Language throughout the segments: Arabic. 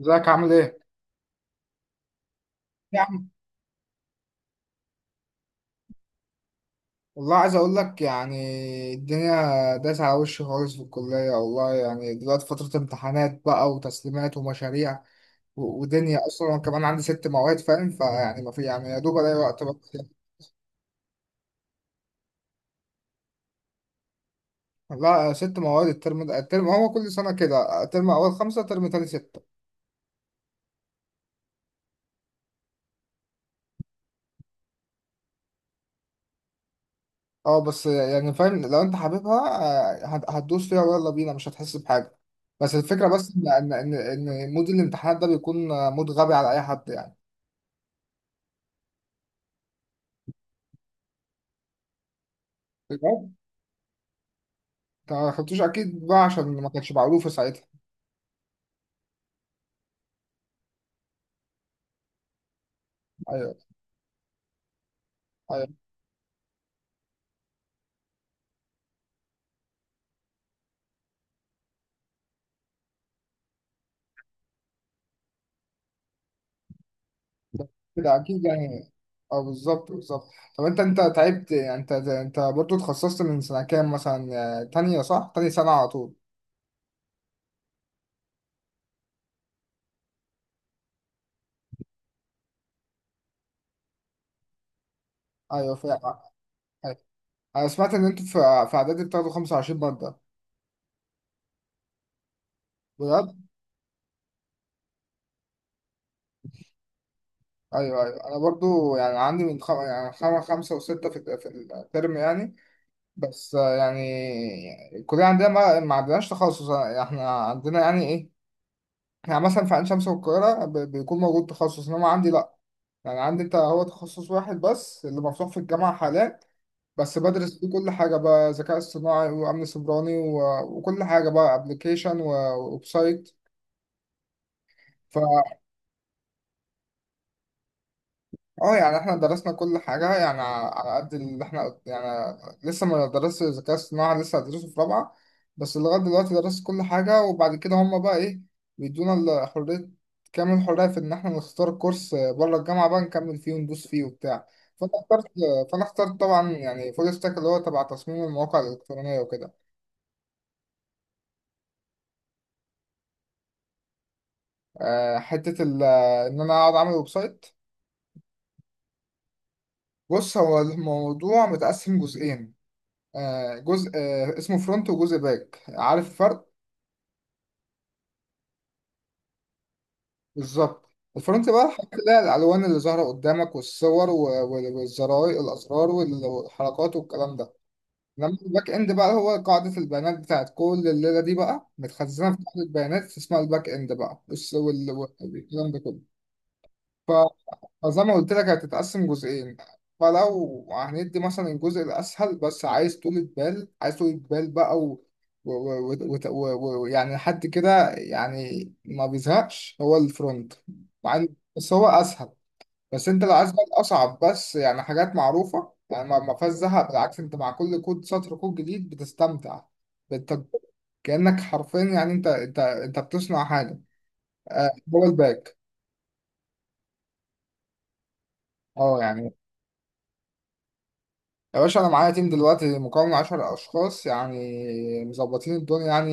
ازيك عامل ايه؟ يا عم، والله عايز اقول لك، يعني الدنيا داس على وشي خالص في الكلية، والله يعني دلوقتي فترة امتحانات بقى وتسليمات ومشاريع ودنيا، اصلا انا كمان عندي ست مواد فاهم، فيعني ما في يعني يا دوب الاقي وقت بس يعني. لا، ست مواد الترم ده، الترم هو كل سنة كده، ترم اول خمسة، ترم تاني ستة. اه بس يعني فاهم لو انت حاببها. هتدوس فيها ويلا بينا مش هتحس بحاجة. بس الفكرة بس ان ان ان إن مود الامتحانات ده بيكون مود غبي على اي حد يعني. ما خدتوش اكيد بقى عشان ما كانتش معروفه ساعتها. ايوه، ايوه، كده اكيد يعني. اه، بالظبط بالظبط. طب انت تعبت، يعني انت برضو اتخصصت من سنه كام مثلا؟ تانية صح، تاني سنه على طول. ايوه فاهم. أيوة. انا سمعت ان انتوا في اعدادي بتاخدوا 25 ماده بجد؟ ايوه ايوه، انا برضو يعني عندي من خمسه وسته في الترم يعني. بس يعني الكليه عندنا ما عندناش تخصص، يعني احنا عندنا يعني ايه، يعني مثلا في عين شمس والقاهرة بيكون موجود تخصص، إنما عندي لأ. يعني عندي أنت هو تخصص واحد بس اللي مفتوح في الجامعة حاليا، بس بدرس فيه كل حاجة بقى، ذكاء اصطناعي وأمن سيبراني وكل حاجة بقى، أبلكيشن وويب سايت. اه يعني احنا درسنا كل حاجة يعني على قد اللي احنا يعني، لسه ما درست الذكاء الصناعي، لسه هدرسه في رابعة. بس لغاية دلوقتي درست كل حاجة، وبعد كده هما بقى ايه، بيدونا حرية، كامل الحرية في ان احنا نختار كورس بره الجامعة بقى، نكمل فيه وندوس فيه وبتاع. فانا اخترت فانا اخترت طبعا يعني فول ستاك، اللي هو تبع تصميم المواقع الإلكترونية وكده. آه، حتة ال- ان انا اقعد اعمل ويب سايت. بص، هو الموضوع متقسم جزئين، جزء اسمه فرونت، وجزء باك، عارف الفرق؟ بالظبط، الفرونت بقى هتلاقي الالوان اللي ظاهره قدامك والصور والزراير الاسرار والحركات والكلام ده. انما الباك اند بقى هو قاعده البيانات بتاعت كل الليله دي، بقى متخزنه في قاعده بيانات اسمها الباك اند بقى، والكلام ده كله. زي ما قلت لك هتتقسم جزئين، فلو هندي مثلا الجزء الأسهل بس عايز طولة بال، بقى و... و... و... يعني حد كده يعني ما بيزهقش هو الفرونت. مع إن- بس هو أسهل. بس أنت لو عايز بقى الأصعب، بس يعني حاجات معروفة يعني ما فيهاش زهق، بالعكس، أنت مع كل كود سطر كود جديد بتستمتع بالتجربة، كأنك حرفيا يعني أنت بتصنع حاجة. هو الباك. اه يعني، يا باشا انا معايا تيم دلوقتي مكون من 10 اشخاص، يعني مظبطين الدنيا يعني،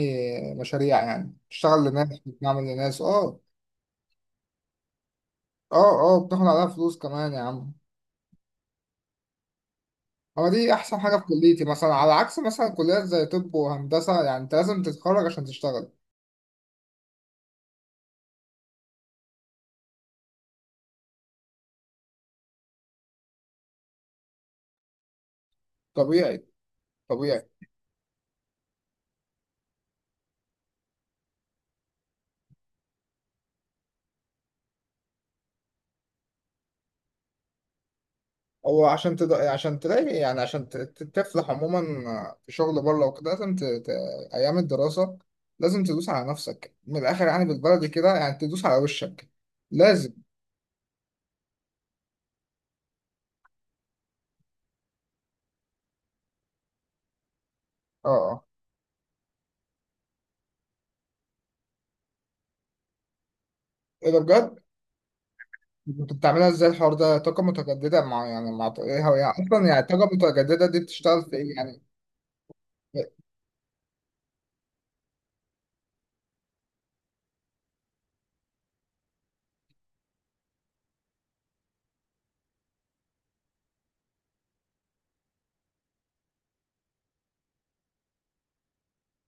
مشاريع، يعني بنشتغل لناس، بنعمل لناس، اه، اه، اه، بناخد عليها فلوس كمان يا عم. هو دي احسن حاجه في كليتي مثلا، على عكس مثلا كليات زي طب وهندسه يعني انت لازم تتخرج عشان تشتغل. طبيعي. طبيعي. هو عشان تلاقي، يعني عشان تفلح عموما في شغل بره وكده لازم ايام الدراسه لازم تدوس على نفسك من الاخر، يعني بالبلدي كده يعني تدوس على وشك. لازم. اه. آه. ايه ده بجد؟ كنت بتعملها ازاي الحوار ده؟ طاقة متجددة مع، يعني مع ايه هو، يعني اصلا يعني الطاقة المتجددة دي بتشتغل في ايه يعني؟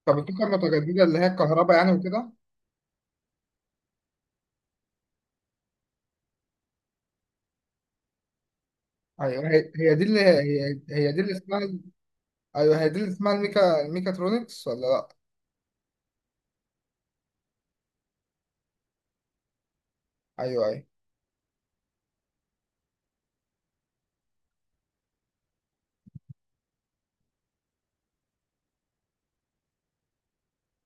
طب الطاقة المتجددة اللي هي الكهرباء يعني وكده؟ ايوه، هي دي اللي اسمها. ايوه هي دي اللي اسمها الميكاترونكس ولا لا؟ ايوه، ايوه،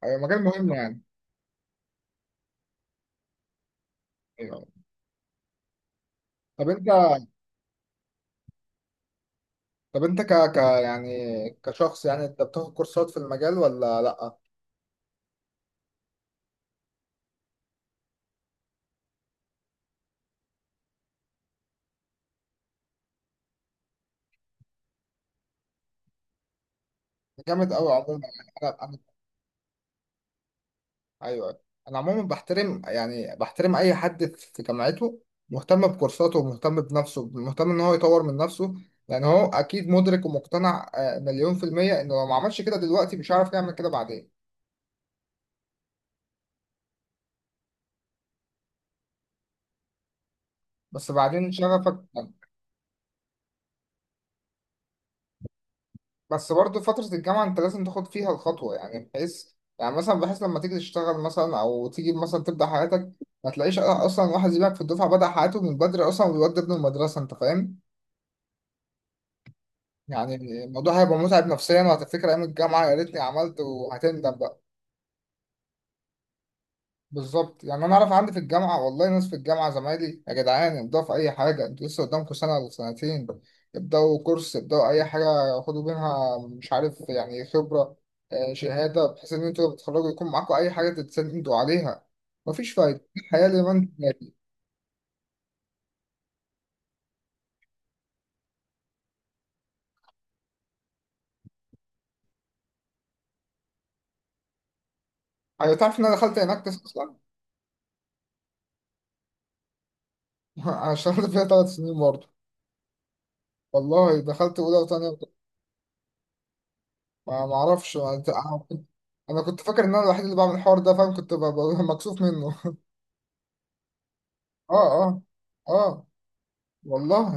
ايوه، مجال مهم يعني. ايوه. أيوة. طب انت، طب انت ك ك يعني كشخص، يعني انت بتاخد كورسات في المجال ولا لا؟ جامد قوي عموما يعني انا. ايوه. انا عموما بحترم اي حد في جامعته، مهتم بكورساته ومهتم بنفسه، مهتم ان هو يطور من نفسه، لان هو اكيد مدرك ومقتنع مليون في المية انه لو ما عملش كده دلوقتي مش هيعرف يعمل كده بعدين. بس بعدين شغفك. بس برضه فترة الجامعة انت لازم تاخد فيها الخطوة، يعني بحيث، يعني مثلا بحيث لما تيجي تشتغل مثلا او تيجي مثلا تبدأ حياتك، ما تلاقيش اصلا واحد زيك في الدفعة بدأ حياته من بدري اصلا وبيودي ابنه المدرسة، انت فاهم؟ يعني الموضوع هيبقى متعب نفسيا، وهتفتكر ايام الجامعه يا ريتني عملت، وهتندم بقى. بالظبط، يعني انا اعرف عندي في الجامعه، والله ناس في الجامعه زمايلي، يا جدعان ابداوا في اي حاجه، انتوا لسه قدامكم سنه ولا سنتين، ابداوا كورس، ابداوا اي حاجه، خدوا منها مش عارف يعني خبره، شهاده، بحيث ان انتوا لما تتخرجوا يكون معاكم اي حاجه تتسندوا عليها. مفيش فايده الحياه اللي ما انت. ايوه، تعرف ان انا دخلت هناك اصلا. انا اشتغلت فيها 3 سنين برضه. والله دخلت اولى وثانيه. ما اعرفش انا. أنا كنت أنا كنت فاكر ان انا الوحيد اللي بعمل الحوار ده فاهم، كنت مكسوف منه. اه، اه، اه، والله.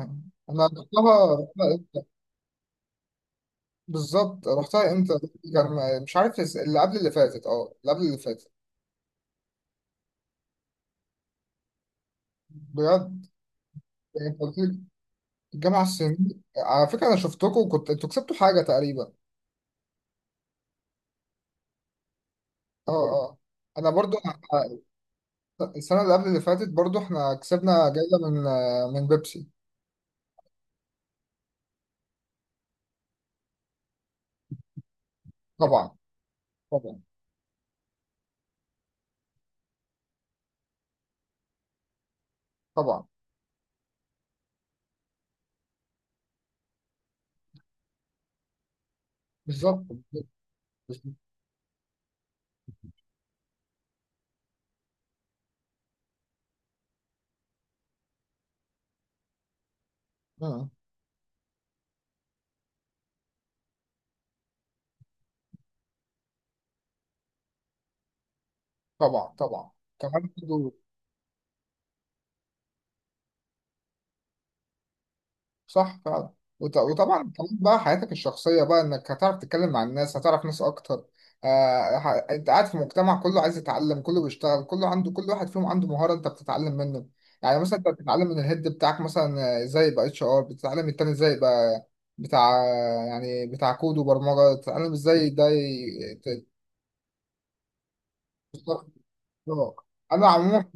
انا رحتها إمتى؟ بالظبط، رحتها امتى؟ كان مش عارف اللي قبل اللي فاتت، اللي قبل اللي فاتت. بجد. يعني أنت قلت لي الجامعه الصينيه. على فكره انا شفتكم، وكنت انتوا كسبتوا حاجه تقريبا. اه، اه، انا برضو السنه اللي قبل اللي فاتت برضو احنا كسبنا جايزه من بيبسي. طبعا طبعا طبعا. بالظبط بالظبط. طبعا طبعا. كمان برضه. صح فعلا. وطبعا كمان بقى حياتك الشخصية بقى، انك هتعرف تتكلم مع الناس، هتعرف ناس اكتر. انت قاعد في مجتمع كله عايز يتعلم، كله بيشتغل، كله عنده، كل واحد فيهم عنده مهارة انت بتتعلم منه. يعني مثلا انت بتتعلم من الهيد بتاعك مثلا، ازاي يبقى HR، بتتعلم التاني ازاي يبقى بتاع، يعني بتاع كود وبرمجة، بتتعلم ازاي ده آه. انا عموما،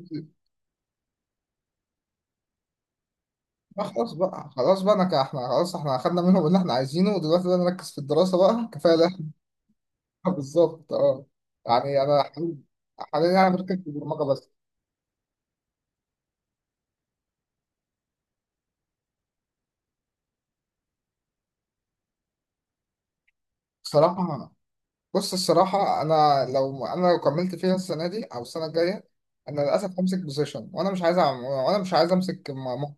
ما خلاص بقى، خلاص بقى احنا خلاص احنا اخدنا منهم اللي احنا عايزينه، ودلوقتي بقى نركز في الدراسة بقى، كفاية ده. بالظبط اه. يعني انا حاليا انا مركز في البرمجة بس. بصراحة. بص الصراحة، انا لو كملت فيها السنة دي او السنة الجاية، انا للاسف همسك بوزيشن، وانا مش عايز امسك م-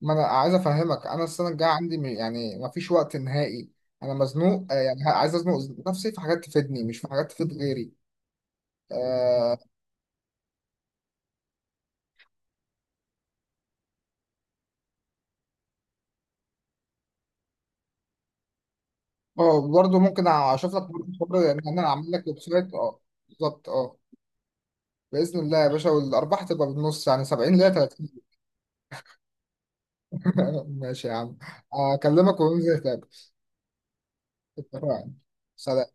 ما انا عايز افهمك، انا السنة الجاية عندي ما فيش وقت نهائي، انا مزنوق، يعني عايز ازنق نفسي في حاجات تفيدني مش في حاجات تفيد غيري. آه، اه، برضه ممكن اشوف لك برضه خبره يعني، انا اعمل لك ويب سايت اه. بالظبط اه. باذن الله يا باشا، والارباح تبقى بالنص يعني 70-30. ماشي يا عم، اكلمك وننزل نتقابل. اتفقنا. سلام.